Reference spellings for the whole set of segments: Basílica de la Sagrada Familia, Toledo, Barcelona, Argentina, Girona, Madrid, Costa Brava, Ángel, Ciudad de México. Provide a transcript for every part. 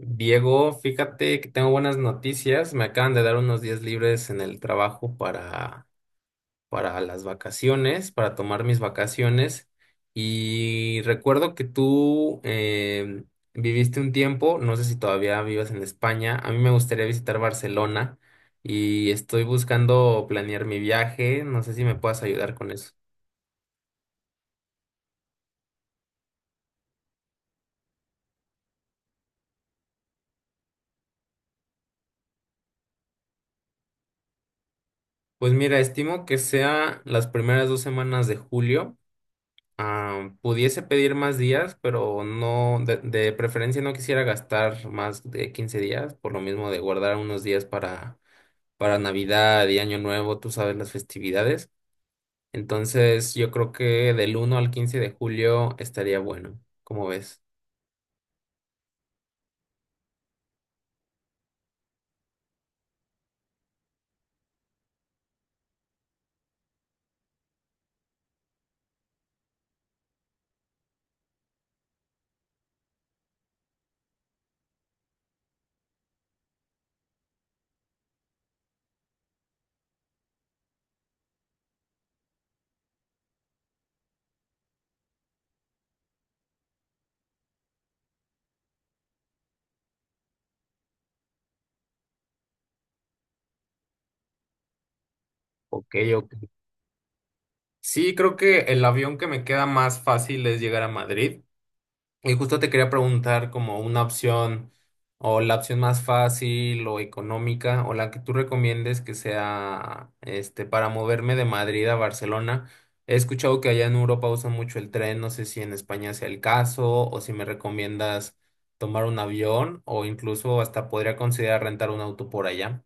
Diego, fíjate que tengo buenas noticias. Me acaban de dar unos días libres en el trabajo para las vacaciones, para tomar mis vacaciones. Y recuerdo que tú viviste un tiempo, no sé si todavía vivas en España. A mí me gustaría visitar Barcelona y estoy buscando planear mi viaje. No sé si me puedas ayudar con eso. Pues mira, estimo que sea las primeras 2 semanas de julio. Ah, pudiese pedir más días, pero no, de preferencia no quisiera gastar más de 15 días, por lo mismo de guardar unos días para Navidad y Año Nuevo, tú sabes, las festividades. Entonces, yo creo que del 1 al 15 de julio estaría bueno, ¿cómo ves? Ok, ok. Sí, creo que el avión que me queda más fácil es llegar a Madrid. Y justo te quería preguntar como una opción o la opción más fácil o económica o la que tú recomiendes que sea este para moverme de Madrid a Barcelona. He escuchado que allá en Europa usan mucho el tren, no sé si en España sea el caso o si me recomiendas tomar un avión o incluso hasta podría considerar rentar un auto por allá.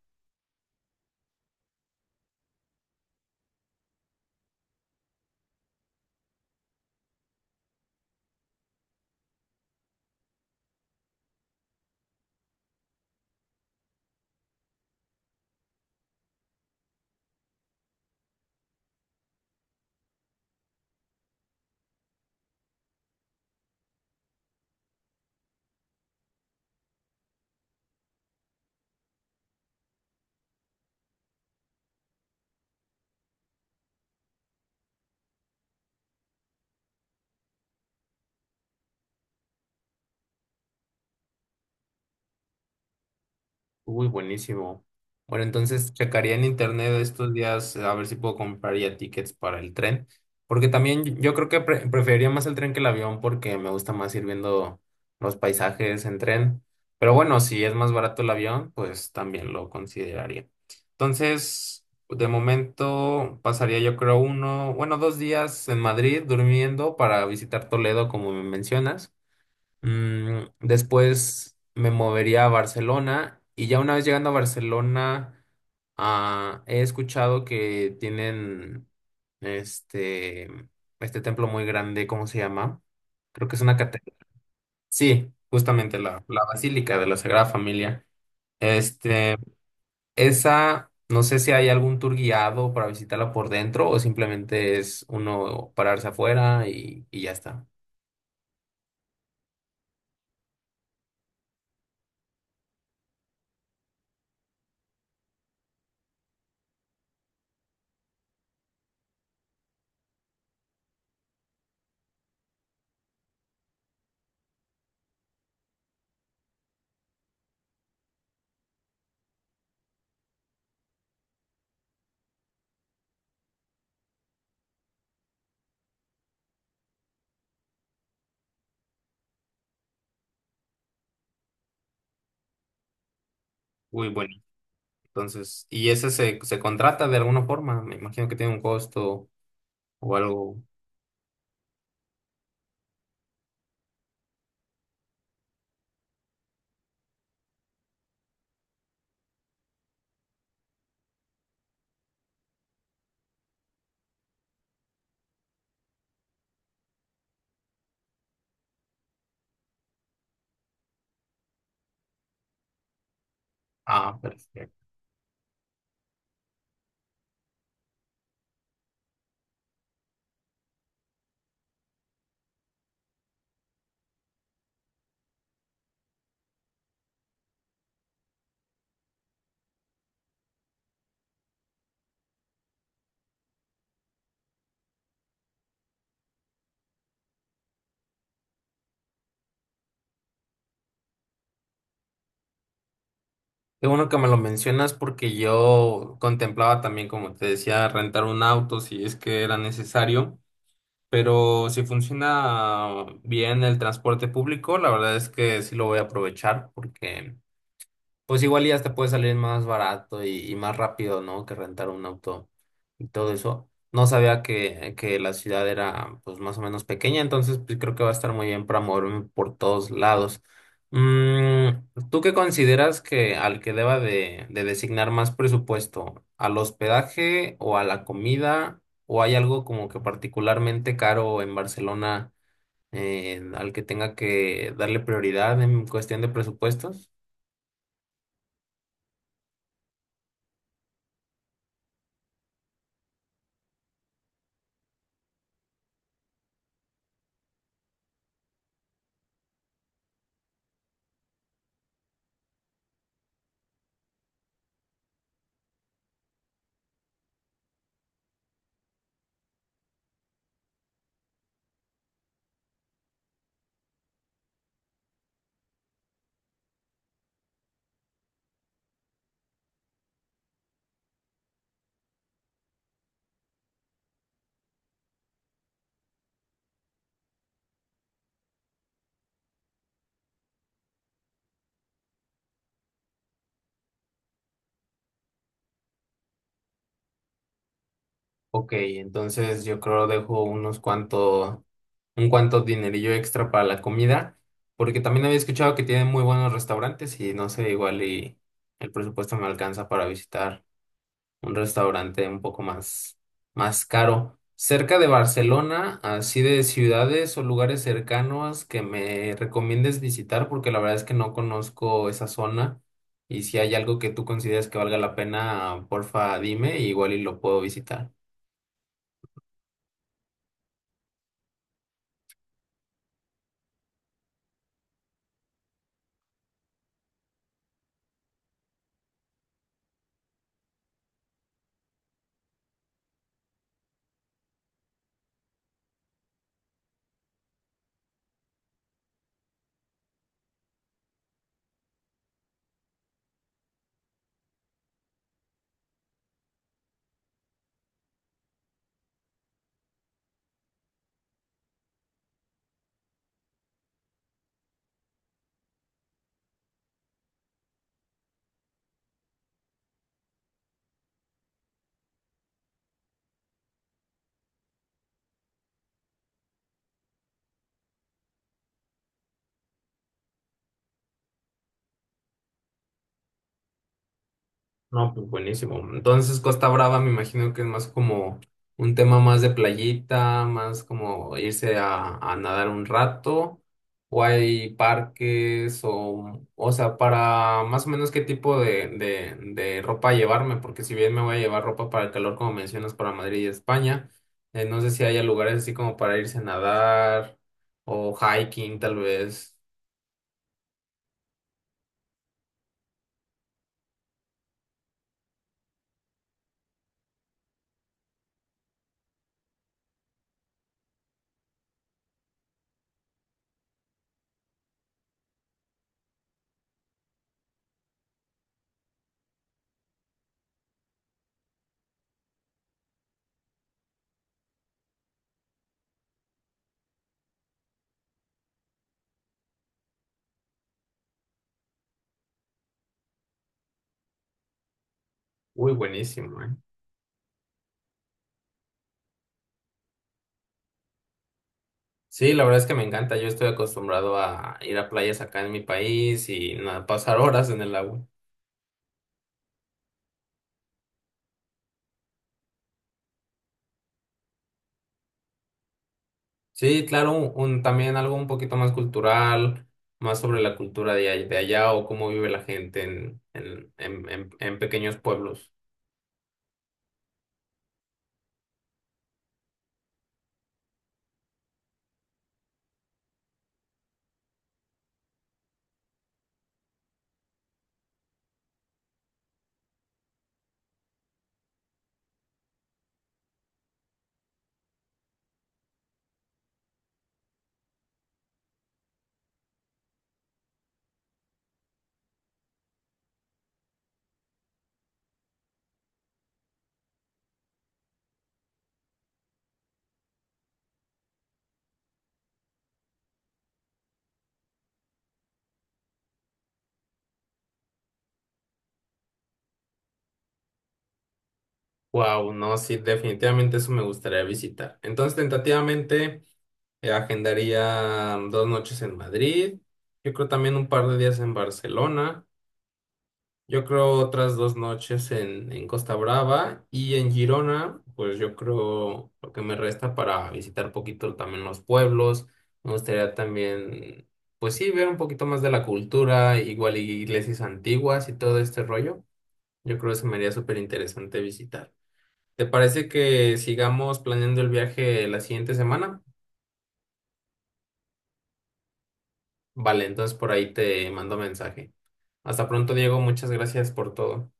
Uy, buenísimo. Bueno, entonces checaría en internet estos días a ver si puedo comprar ya tickets para el tren, porque también yo creo que preferiría más el tren que el avión porque me gusta más ir viendo los paisajes en tren. Pero bueno, si es más barato el avión, pues también lo consideraría. Entonces, de momento pasaría yo creo uno, bueno, 2 días en Madrid durmiendo para visitar Toledo como me mencionas. Después me movería a Barcelona y ya una vez llegando a Barcelona, ah, he escuchado que tienen este, este templo muy grande, ¿cómo se llama? Creo que es una catedral. Sí, justamente la Basílica de la Sagrada Familia. Este, esa, no sé si hay algún tour guiado para visitarla por dentro o simplemente es uno pararse afuera y ya está. Uy, entonces, y ese se contrata de alguna forma, me imagino que tiene un costo o algo. Ah, perfecto. Qué bueno que me lo mencionas porque yo contemplaba también, como te decía, rentar un auto si es que era necesario, pero si funciona bien el transporte público, la verdad es que sí lo voy a aprovechar porque pues igual y hasta puede salir más barato y más rápido, ¿no? Que rentar un auto y todo eso. No sabía que la ciudad era pues más o menos pequeña, entonces pues creo que va a estar muy bien para moverme por todos lados. Mm, ¿Tú qué consideras que al que deba de designar más presupuesto? ¿Al hospedaje o a la comida? ¿O hay algo como que particularmente caro en Barcelona al que tenga que darle prioridad en cuestión de presupuestos? Ok, entonces yo creo dejo unos cuantos, un cuanto dinerillo extra para la comida, porque también había escuchado que tienen muy buenos restaurantes y no sé, igual y el presupuesto me alcanza para visitar un restaurante un poco más, más caro. Cerca de Barcelona, así de ciudades o lugares cercanos que me recomiendes visitar, porque la verdad es que no conozco esa zona y si hay algo que tú consideres que valga la pena, porfa, dime, igual y lo puedo visitar. No, pues buenísimo. Entonces Costa Brava me imagino que es más como un tema más de playita, más como irse a nadar un rato, o hay parques, o sea, para más o menos qué tipo de ropa llevarme, porque si bien me voy a llevar ropa para el calor, como mencionas, para Madrid y España, no sé si haya lugares así como para irse a nadar o hiking tal vez. Uy, buenísimo, ¿eh? Sí, la verdad es que me encanta. Yo estoy acostumbrado a ir a playas acá en mi país y nada, pasar horas en el agua. Sí, claro, también algo un poquito más cultural, más sobre la cultura de allá o cómo vive la gente en pequeños pueblos. Wow, no, sí, definitivamente eso me gustaría visitar. Entonces, tentativamente, agendaría 2 noches en Madrid. Yo creo también un par de días en Barcelona. Yo creo otras 2 noches en, Costa Brava y en Girona, pues yo creo lo que me resta para visitar poquito también los pueblos. Me gustaría también, pues sí, ver un poquito más de la cultura, igual y iglesias antiguas y todo este rollo. Yo creo que se me haría súper interesante visitar. ¿Te parece que sigamos planeando el viaje la siguiente semana? Vale, entonces por ahí te mando mensaje. Hasta pronto, Diego. Muchas gracias por todo.